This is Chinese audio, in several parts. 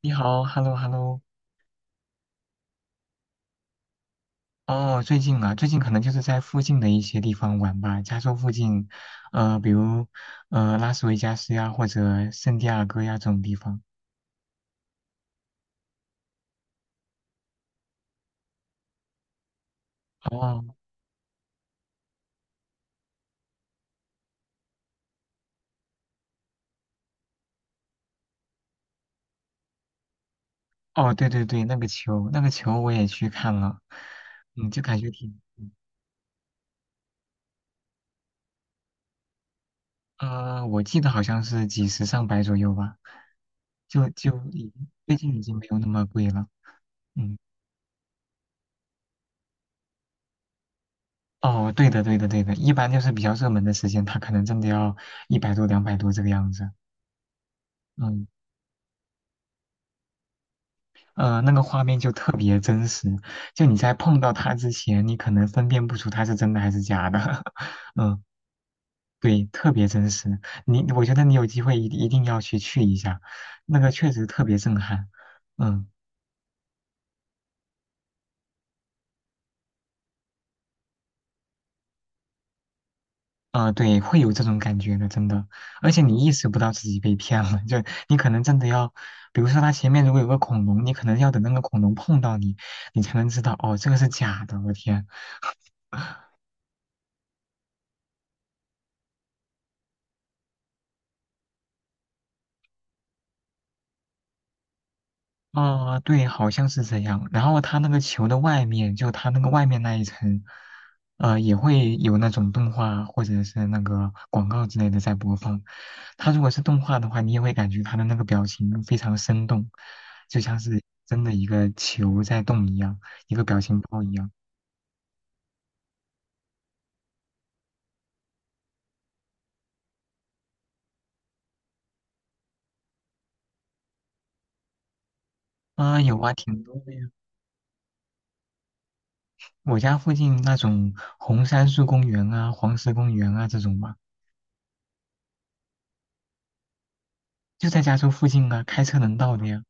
你好，hello hello。哦，最近可能就是在附近的一些地方玩吧，加州附近，比如拉斯维加斯呀，或者圣地亚哥呀这种地方。哦哦，对对对，那个球我也去看了，嗯，就感觉挺，我记得好像是几十上百左右吧，就就已最近已经没有那么贵了。嗯，哦，对的对的对的，一般就是比较热门的时间，它可能真的要一百多两百多这个样子。嗯。那个画面就特别真实，就你在碰到它之前，你可能分辨不出它是真的还是假的。嗯，对，特别真实。我觉得你有机会一定要去一下，那个确实特别震撼。嗯，啊、对，会有这种感觉的，真的。而且你意识不到自己被骗了，就你可能真的要，比如说它前面如果有个恐龙，你可能要等那个恐龙碰到你，你才能知道，哦，这个是假的，我天。啊、对，好像是这样。然后它那个球的外面，就它那个外面那一层，也会有那种动画或者是那个广告之类的在播放。它如果是动画的话，你也会感觉它的那个表情非常生动，就像是真的一个球在动一样，一个表情包一样。啊、有啊，挺多的呀。我家附近那种红杉树公园啊、黄石公园啊这种嘛，就在加州附近啊，开车能到的呀。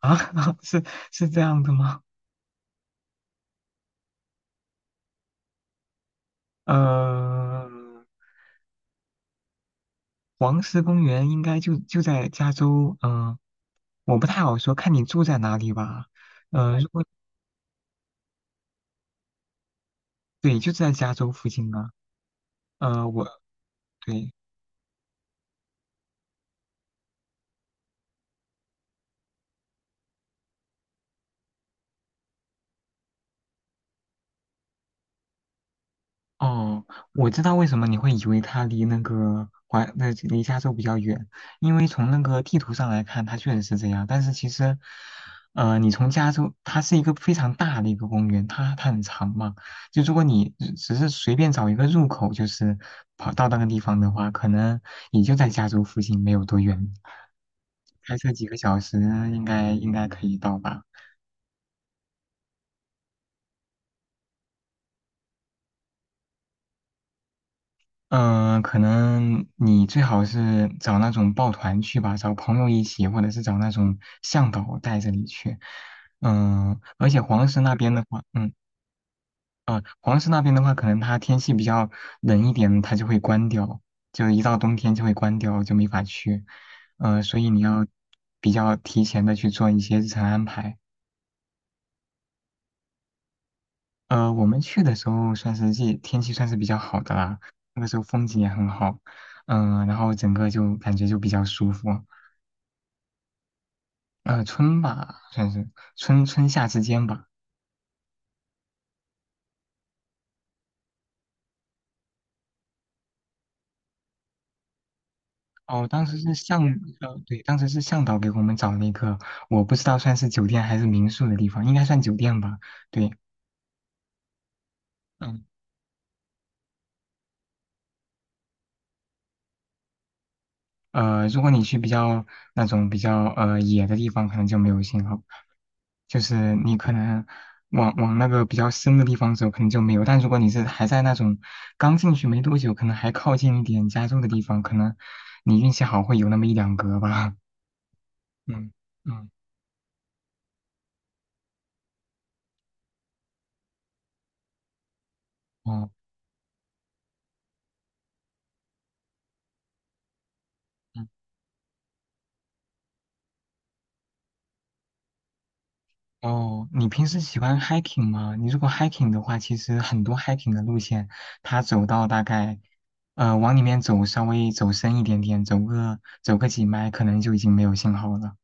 啊，是是这样的吗？嗯，黄石公园应该就在加州，嗯、我不太好说，看你住在哪里吧。嗯，对，就在加州附近啊。呃，我对，哦，我知道为什么你会以为它离那个那离加州比较远，因为从那个地图上来看，它确实是这样。但是其实，你从加州，它是一个非常大的一个公园，它很长嘛。就如果你只是随便找一个入口，就是跑到那个地方的话，可能也就在加州附近没有多远，开车几个小时应该可以到吧。嗯、可能你最好是找那种抱团去吧，找朋友一起，或者是找那种向导带着你去。嗯、而且黄石那边的话，可能它天气比较冷一点，它就会关掉，就一到冬天就会关掉，就没法去。所以你要比较提前的去做一些日程安排。我们去的时候算是季天气算是比较好的啦，那个时候风景也很好，嗯、然后整个就感觉就比较舒服。春吧，算是春夏之间吧。哦，当时是向对，当时是向导给我们找了一个，我不知道算是酒店还是民宿的地方，应该算酒店吧。对，嗯、如果你去那种比较野的地方，可能就没有信号，就是你可能往往那个比较深的地方走，可能就没有。但如果你是还在那种刚进去没多久，可能还靠近一点加州的地方，可能你运气好会有那么一两格吧。嗯嗯，哦。哦，你平时喜欢 hiking 吗？你如果 hiking 的话，其实很多 hiking 的路线，它走到大概，往里面走，稍微走深一点点，走个几迈，可能就已经没有信号了。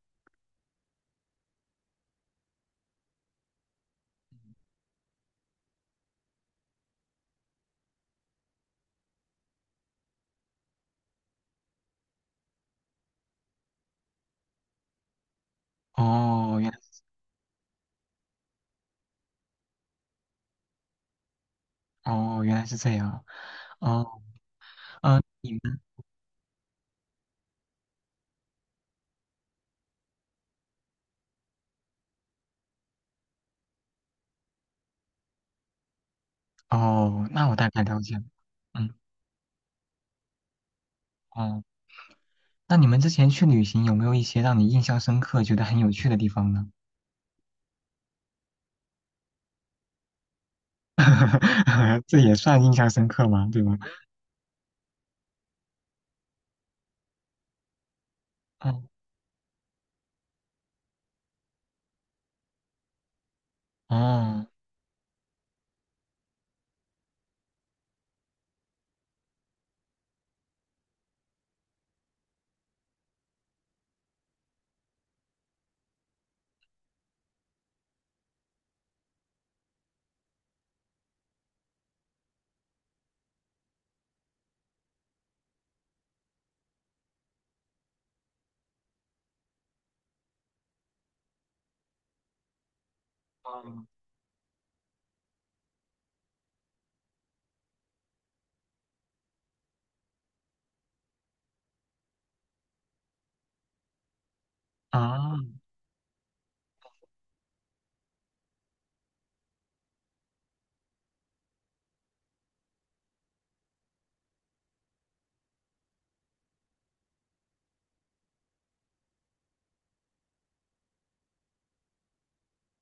哦，原来是这样。哦，呃，你们哦，那我大概了解了。嗯，哦，那你们之前去旅行有没有一些让你印象深刻、觉得很有趣的地方呢？这也算印象深刻吗？对吧？嗯，哦，哦，啊。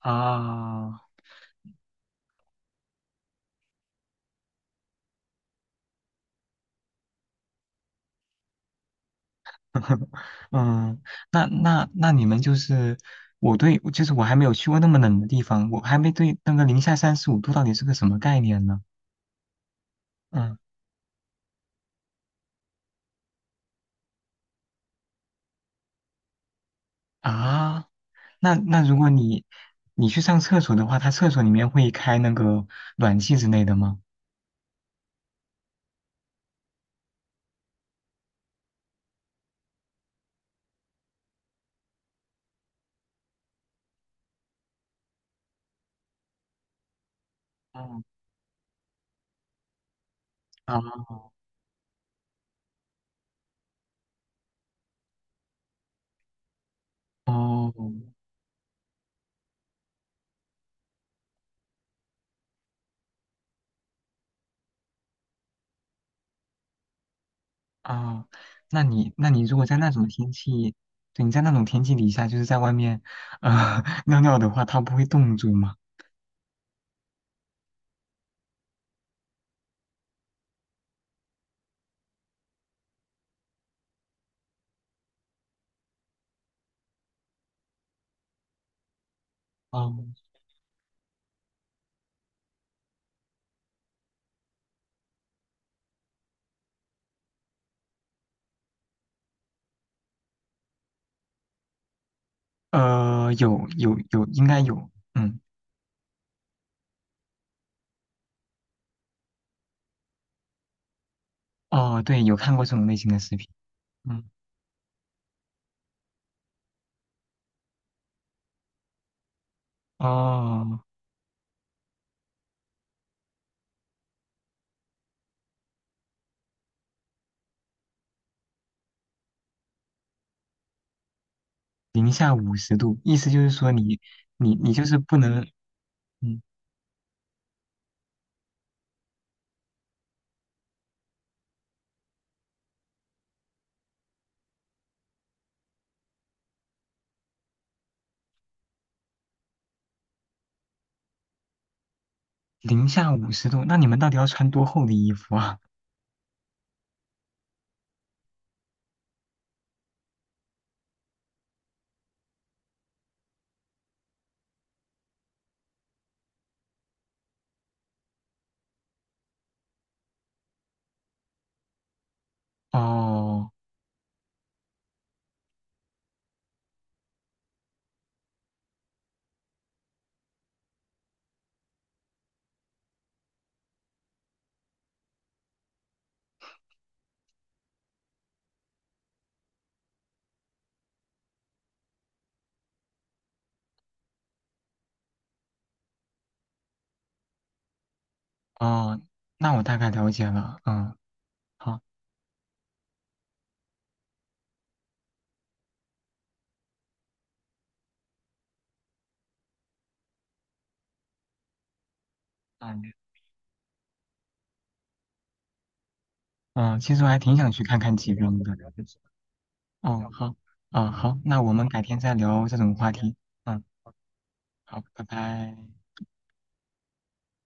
啊，嗯，那你们就是，对，就是我还没有去过那么冷的地方，我还没对那个零下35度到底是个什么概念呢？嗯啊，那如果你去上厕所的话，它厕所里面会开那个暖气之类的吗？嗯啊哦啊，那你如果在那种天气，对，你在那种天气底下，就是在外面，尿尿的话，它不会冻住吗？哦，有有有，应该有，嗯，哦，对，有看过这种类型的视频，嗯，哦，零下五十度，意思就是说你就是不能，嗯，零下五十度，那你们到底要穿多厚的衣服啊？哦哦，那我大概了解了，嗯，好，嗯嗯，其实我还挺想去看看极光的，哦，好，啊，好，那我们改天再聊这种话题，嗯，好，拜拜。